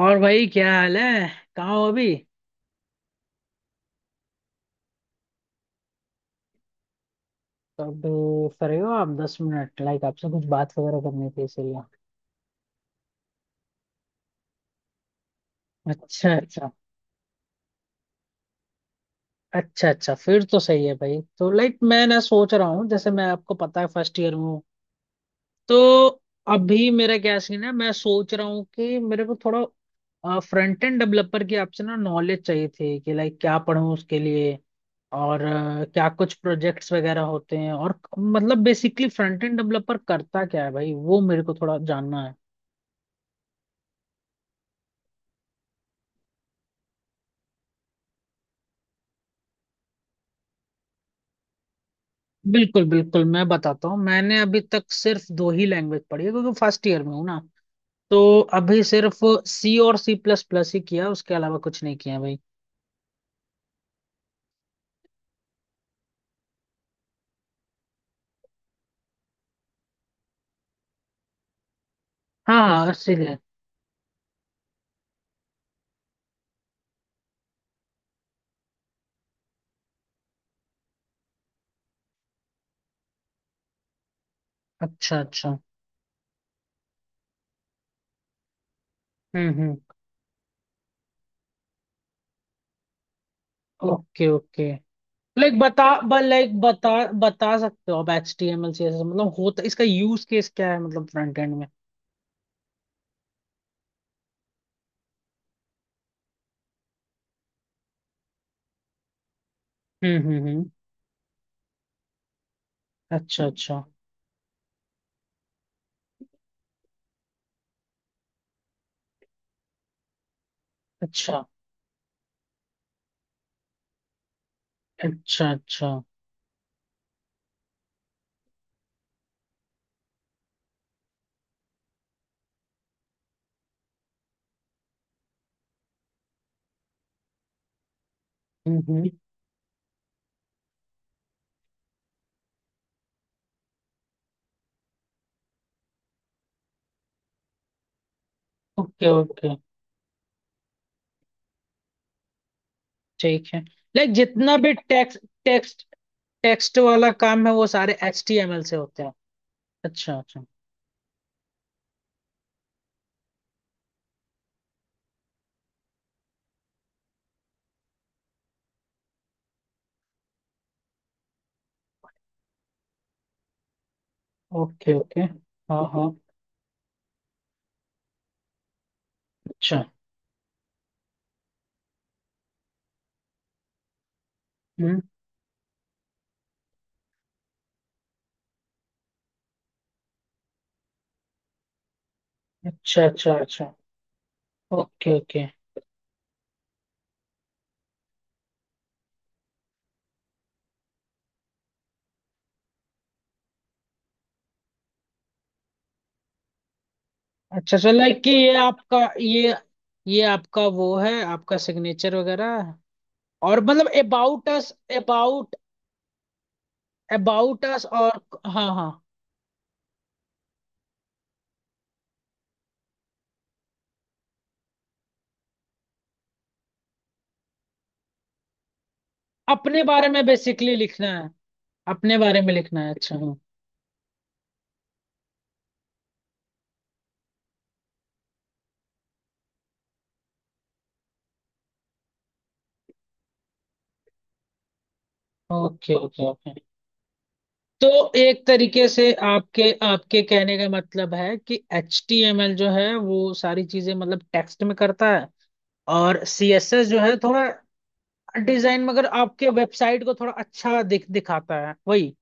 और भाई, क्या हाल है? कहाँ हो अभी? तब, फ्री हो आप 10 मिनट? लाइक आपसे कुछ बात वगैरह करनी थी इसीलिए। अच्छा, अच्छा। अच्छा, अच्छा, फिर तो सही है भाई। तो लाइक मैं ना सोच रहा हूँ, जैसे मैं, आपको पता है, फर्स्ट ईयर में हूँ, तो अभी मेरा क्या सीन है। मैं सोच रहा हूँ कि मेरे को थोड़ा फ्रंट एंड डेवलपर की आपसे ना नॉलेज चाहिए थी, कि लाइक क्या पढूं उसके लिए, और क्या कुछ प्रोजेक्ट्स वगैरह होते हैं, और मतलब बेसिकली फ्रंट एंड डेवलपर करता क्या है भाई, वो मेरे को थोड़ा जानना है। बिल्कुल, बिल्कुल, मैं बताता हूँ। मैंने अभी तक सिर्फ दो ही लैंग्वेज पढ़ी है, क्योंकि फर्स्ट ईयर में हूँ ना, तो अभी सिर्फ सी और सी प्लस प्लस ही किया, उसके अलावा कुछ नहीं किया भाई। हाँ, हाँ, इसीलिए। अच्छा, अच्छा। हम्म, हम्म। Okay, okay. लाइक बता, बता सकते हो आप H T M L C S मतलब होता, इसका यूज केस क्या है, मतलब फ्रंट एंड में? हम्म, हम्म, हम्म। अच्छा, अच्छा, अच्छा, अच्छा, अच्छा। हम्म, हम्म। Okay, okay. ठीक है। लाइक जितना भी टेक्स्ट टेक्स्ट टेक्स्ट वाला काम है, वो सारे एच टी एम एल से होते हैं। अच्छा, अच्छा। Okay, okay. हाँ, हाँ। अच्छा। हम्म। अच्छा, अच्छा, अच्छा। Okay, okay. अच्छा सर, लाइक कि ये आपका वो है, आपका सिग्नेचर वगैरह? और मतलब about us? About about us, और? हाँ, हाँ, अपने बारे में बेसिकली लिखना है, अपने बारे में लिखना है। अच्छा, हाँ। Okay, okay, okay. तो एक तरीके से आपके आपके कहने का मतलब है कि एच टी एम एल जो है वो सारी चीजें मतलब टेक्स्ट में करता है, और सी एस एस जो है, थोड़ा डिजाइन, मगर आपके वेबसाइट को थोड़ा अच्छा दिखाता है, वही।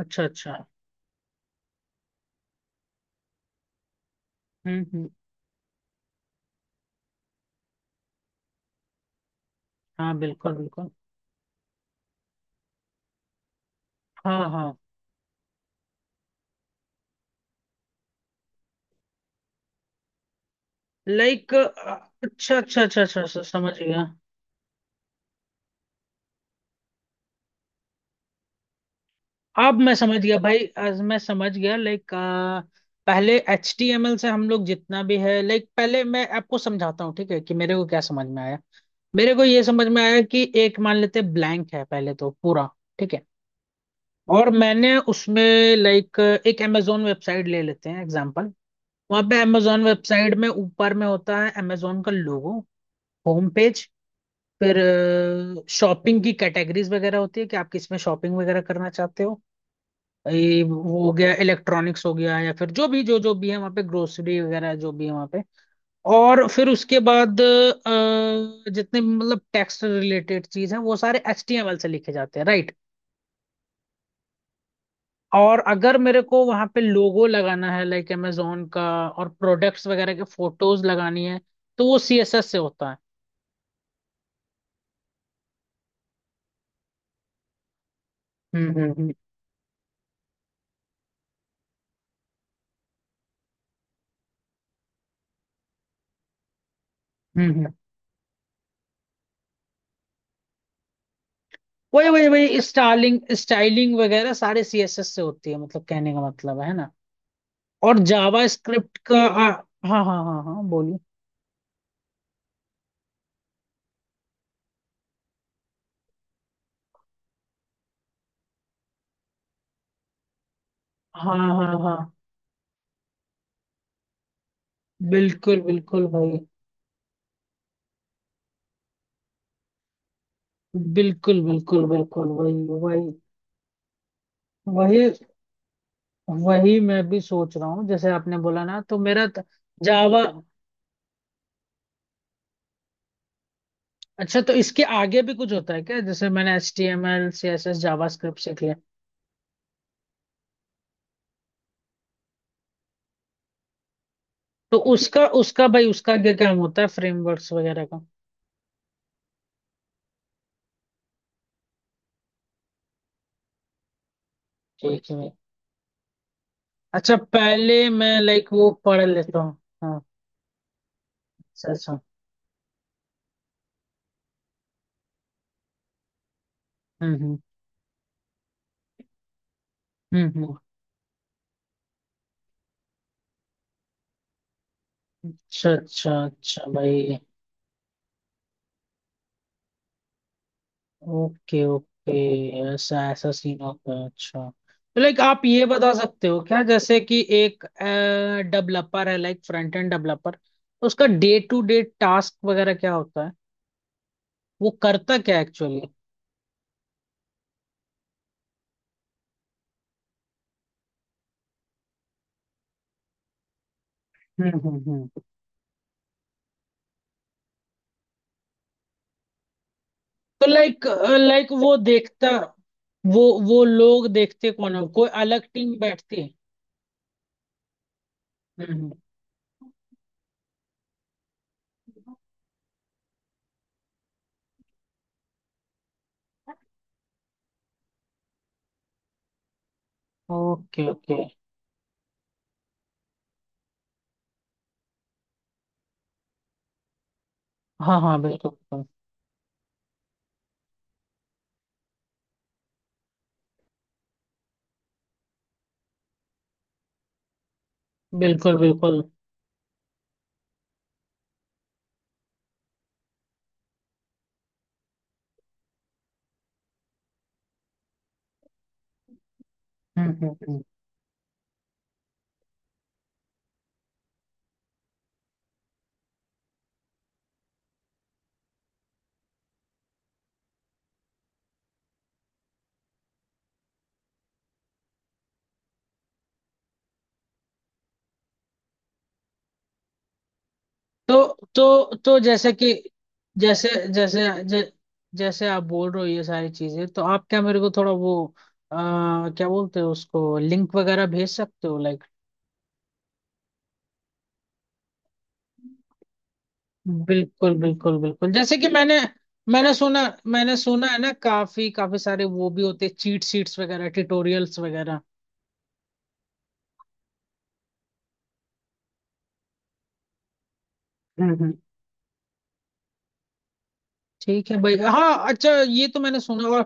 अच्छा, अच्छा। हम्म, हम्म। हाँ, बिल्कुल, बिल्कुल। हाँ, हाँ। लाइक अच्छा, अच्छा, अच्छा, अच्छा, अच्छा, समझ गया। अब मैं समझ गया भाई, आज मैं समझ गया, लाइक। पहले एच टी एम एल से हम लोग जितना भी है, लाइक पहले मैं आपको समझाता हूँ, ठीक है, कि मेरे को क्या समझ में आया। मेरे को ये समझ में आया कि एक मान लेते ब्लैंक है पहले तो पूरा, ठीक है। और मैंने उसमें, लाइक, एक अमेजोन वेबसाइट ले लेते हैं एग्जांपल। वहां पे अमेजोन वेबसाइट में ऊपर में होता है अमेजोन का लोगो, होम पेज। फिर शॉपिंग की कैटेगरीज वगैरह होती है, कि आप किसमें शॉपिंग वगैरह करना चाहते हो, ये वो हो गया, इलेक्ट्रॉनिक्स हो गया, या फिर जो भी, जो जो भी है वहाँ पे, ग्रोसरी वगैरह जो भी है वहाँ पे। और फिर उसके बाद जितने भी मतलब टैक्स रिलेटेड चीज है, वो सारे एचटीएमएल से लिखे जाते हैं, राइट? और अगर मेरे को वहां पे लोगो लगाना है, लाइक amazon का, और प्रोडक्ट्स वगैरह के फोटोज लगानी है, तो वो सीएसएस से होता है। हम्म, हम्म, हम्म, हम्म, हम्म। वही, वही, वही स्टाइलिंग, स्टाइलिंग वगैरह सारे सीएसएस से होती है, मतलब कहने का मतलब है ना। और जावा स्क्रिप्ट का हाँ, हाँ, हाँ, हाँ, बोलिए। हाँ, हाँ, हाँ, बिल्कुल, बिल्कुल भाई। बिल्कुल, बिल्कुल, बिल्कुल, वही, वही। वही वही मैं भी सोच रहा हूँ, जैसे आपने बोला ना, तो मेरा जावा अच्छा, तो इसके आगे भी कुछ होता है क्या, जैसे मैंने H T M L C S S JavaScript सीख लिया तो उसका उसका भाई, उसका क्या काम होता है, फ्रेमवर्क्स वगैरह का? ठीक है भाई। अच्छा, पहले मैं लाइक वो पढ़ लेता हूँ। हाँ, अच्छा, अच्छा। हम्म, हम्म, हम्म, हम्म। अच्छा, अच्छा, अच्छा भाई। Okay, okay. ऐसा, ऐसा सीन होता है, अच्छा। लाइक आप ये बता सकते हो क्या, जैसे कि एक डेवलपर है, लाइक फ्रंट एंड डेवलपर, उसका डे टू डे टास्क वगैरह क्या होता है, वो करता क्या एक्चुअली? हम्म, हम्म, तो लाइक लाइक वो वो लोग देखते कौन है, कोई अलग टीम बैठती है? हम्म। Okay, okay. हाँ, हाँ, बिल्कुल, बिल्कुल, बिल्कुल। हम्म, हम्म, हम्म। तो जैसे कि जैसे जैसे जै, जैसे आप बोल रहे हो ये सारी चीजें, तो आप क्या मेरे को थोड़ा वो, क्या बोलते हो उसको, लिंक वगैरह भेज सकते हो लाइक? बिल्कुल, बिल्कुल, बिल्कुल, जैसे कि मैंने मैंने सुना मैंने सुना है ना, काफी, काफी सारे वो भी होते, चीट शीट्स वगैरह, ट्यूटोरियल्स वगैरह। हम्म, ठीक है भाई। हाँ, अच्छा, ये तो मैंने सुना। और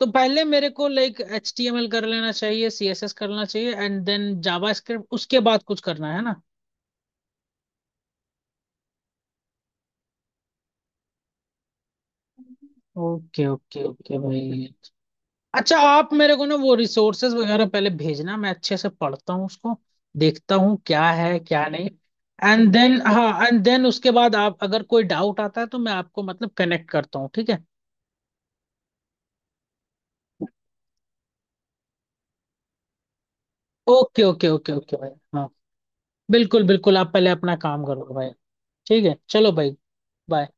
तो पहले मेरे को, like, H T M L कर लेना चाहिए, सी एस एस करना चाहिए, एंड देन जावा स्क्रिप्ट, उसके बाद कुछ करना है ना? ओके, ओके, ओके भाई। अच्छा आप मेरे को ना वो रिसोर्सेज वगैरह पहले भेजना, मैं अच्छे से पढ़ता हूँ उसको, देखता हूँ क्या है क्या नहीं। एंड देन, हाँ, एंड देन उसके बाद, आप अगर कोई डाउट आता है तो मैं आपको मतलब कनेक्ट करता हूँ, ठीक है? ओके, ओके, ओके, ओके भाई। हाँ, बिल्कुल, बिल्कुल, आप पहले अपना काम करो भाई। ठीक है, चलो भाई। बाय।